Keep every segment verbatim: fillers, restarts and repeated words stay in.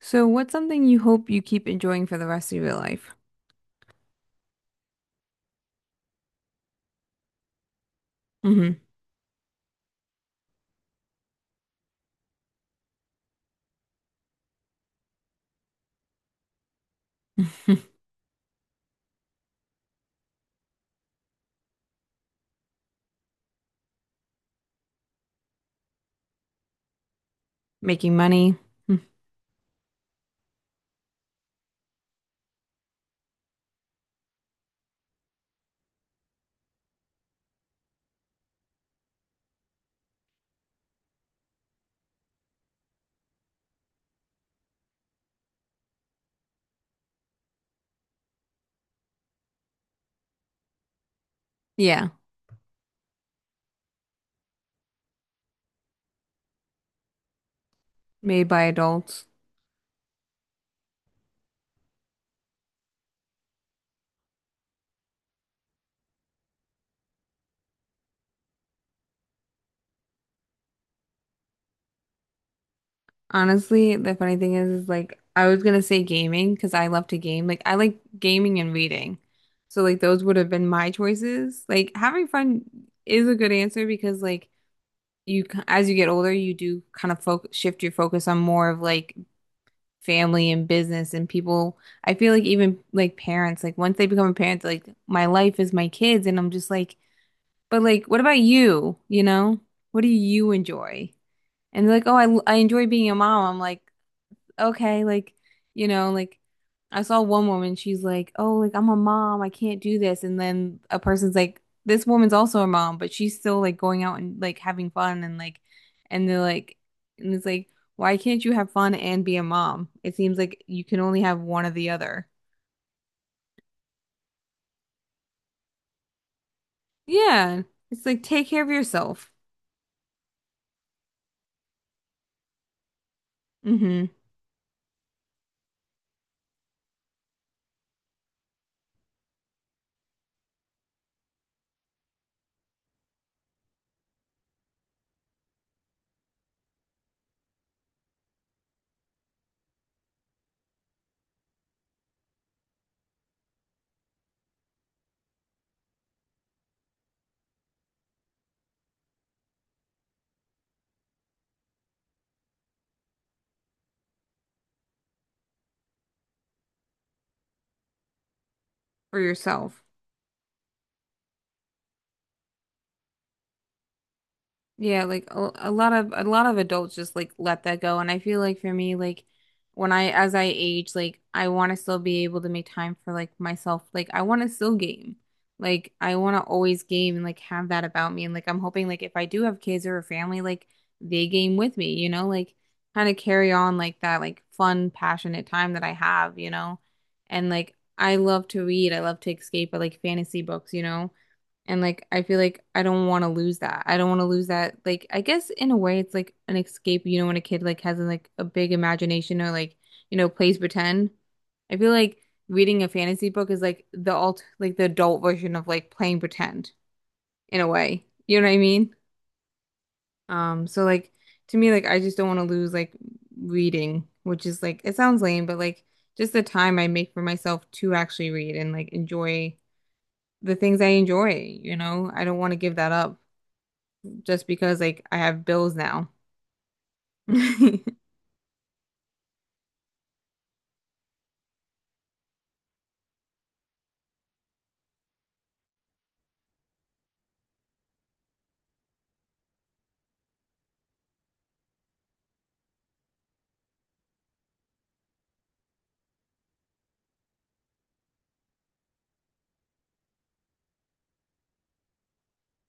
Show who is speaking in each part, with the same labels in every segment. Speaker 1: So, what's something you hope you keep enjoying for the rest of your life? Hmm. Making money. Mm. Yeah, made by adults. Honestly, the funny thing is, is like I was gonna say gaming because I love to game. Like I like gaming and reading. So like those would have been my choices. Like having fun is a good answer because like you c- as you get older, you do kind of focus shift your focus on more of like family and business and people. I feel like even like parents, like once they become a parent, they're like, my life is my kids, and I'm just like, but like, what about you? You know, what do you enjoy? And they're like, oh, I I enjoy being a mom. I'm like, okay, like, you know, like I saw one woman, she's like, oh, like I'm a mom, I can't do this. And then a person's like, this woman's also a mom, but she's still like going out and like having fun and like, and they're like, and it's like, why can't you have fun and be a mom? It seems like you can only have one or the other. Yeah. It's like take care of yourself. Mm-hmm. For yourself. Yeah, like a, a lot of a lot of adults just like let that go. And I feel like for me, like when I as I age, like I want to still be able to make time for like myself. Like I want to still game. Like I want to always game and like have that about me. And like I'm hoping like if I do have kids or a family, like they game with me, you know, like kind of carry on like that like fun, passionate time that I have, you know. And like I love to read. I love to escape. I like fantasy books, you know. And like I feel like I don't want to lose that. I don't want to lose that. Like I guess in a way it's like an escape, you know, when a kid like has like a big imagination or like, you know, plays pretend. I feel like reading a fantasy book is like the alt like the adult version of like playing pretend in a way. You know what I mean? Um, so like to me, like I just don't want to lose like reading, which is like it sounds lame, but like just the time I make for myself to actually read and like enjoy the things I enjoy, you know? I don't want to give that up, just because like I have bills now.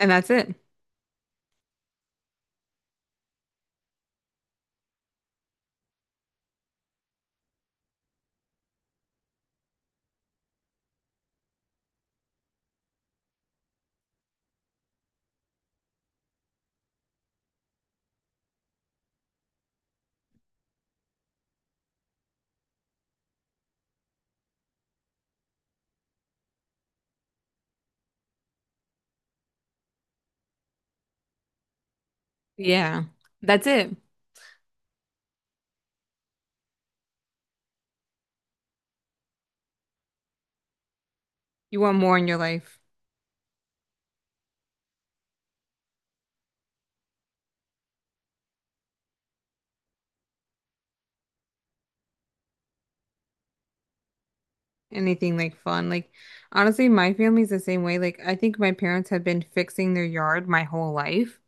Speaker 1: And that's it. Yeah. That's it. You want more in your life. Anything like fun. Like honestly, my family's the same way. Like I think my parents have been fixing their yard my whole life,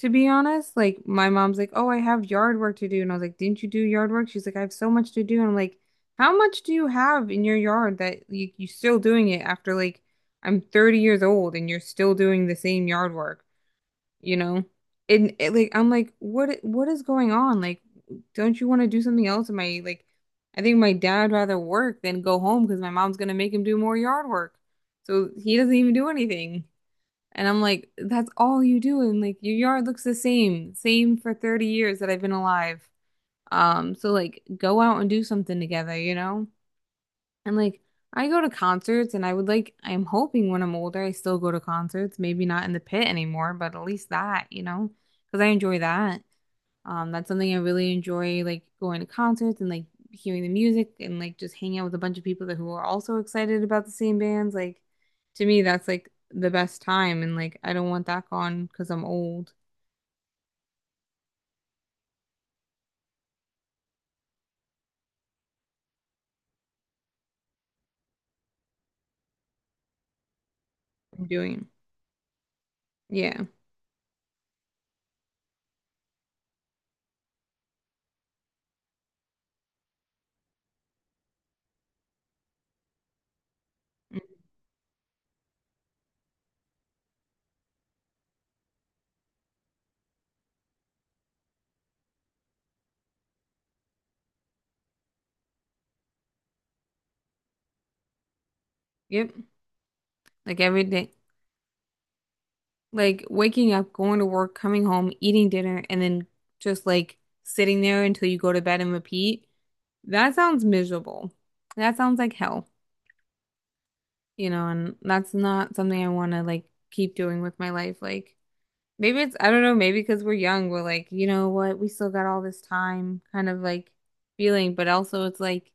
Speaker 1: to be honest. Like my mom's like, "Oh, I have yard work to do." And I was like, "Didn't you do yard work?" She's like, "I have so much to do." And I'm like, "How much do you have in your yard that you you still doing it after like I'm thirty years old and you're still doing the same yard work?" You know? And it, like I'm like, what what is going on? Like, don't you want to do something else? Am I like, I think my dad rather work than go home because my mom's gonna make him do more yard work. So he doesn't even do anything. And I'm like, that's all you do. And like your yard looks the same, same for thirty years that I've been alive. Um, so like go out and do something together, you know? And like I go to concerts and I would like, I'm hoping when I'm older I still go to concerts, maybe not in the pit anymore, but at least that, you know, because I enjoy that. Um, that's something I really enjoy, like going to concerts and like hearing the music and like just hanging out with a bunch of people that who are also excited about the same bands. Like to me, that's like the best time, and like I don't want that gone because I'm old. I'm doing, yeah. Mhm. Yep, like every day. Like waking up, going to work, coming home, eating dinner, and then just like sitting there until you go to bed and repeat. That sounds miserable. That sounds like hell, you know, and that's not something I want to like keep doing with my life. Like maybe it's, I don't know, maybe because we're young, we're like, you know what, we still got all this time kind of like feeling, but also it's like,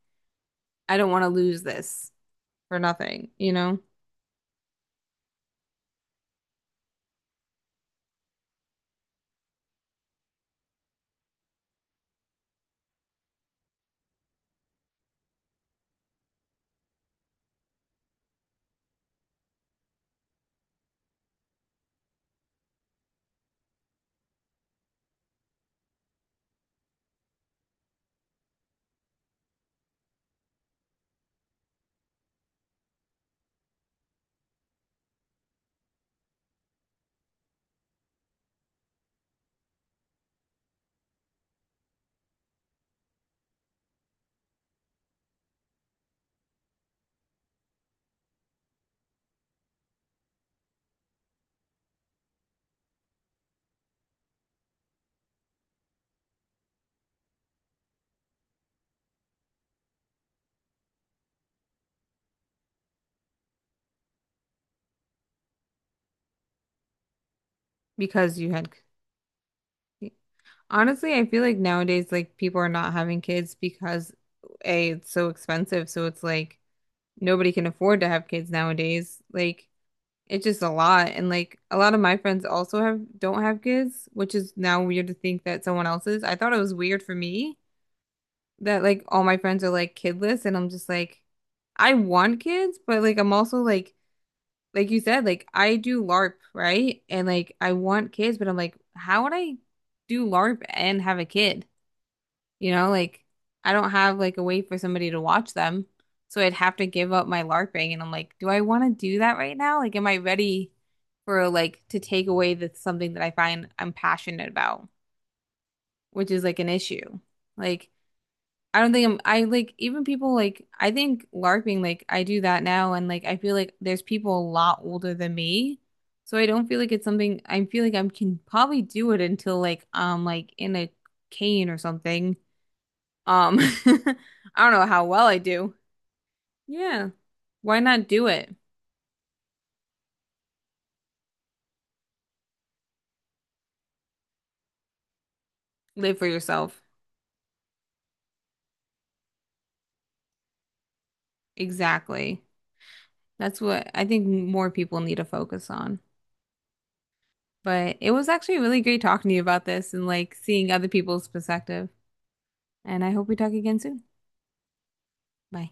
Speaker 1: I don't want to lose this for nothing, you know, because you had. Honestly, I feel like nowadays, like people are not having kids because A, it's so expensive. So it's like nobody can afford to have kids nowadays. Like it's just a lot. And like a lot of my friends also have don't have kids, which is now weird to think that someone else's. I thought it was weird for me that like all my friends are like kidless and I'm just like, I want kids, but like I'm also like like you said, like I do LARP, right? And like I want kids, but I'm like, how would I do LARP and have a kid? You know, like I don't have like a way for somebody to watch them. So I'd have to give up my LARPing and I'm like, do I want to do that right now? Like, am I ready for like to take away the something that I find I'm passionate about, which is like an issue. Like, I don't think I'm I like even people, like I think LARPing, like I do that now and like I feel like there's people a lot older than me. So I don't feel like it's something, I feel like I can probably do it until like I'm like in a cane or something. Um, I don't know how well I do. Yeah. Why not do it? Live for yourself. Exactly. That's what I think more people need to focus on. But it was actually really great talking to you about this and like seeing other people's perspective. And I hope we talk again soon. Bye.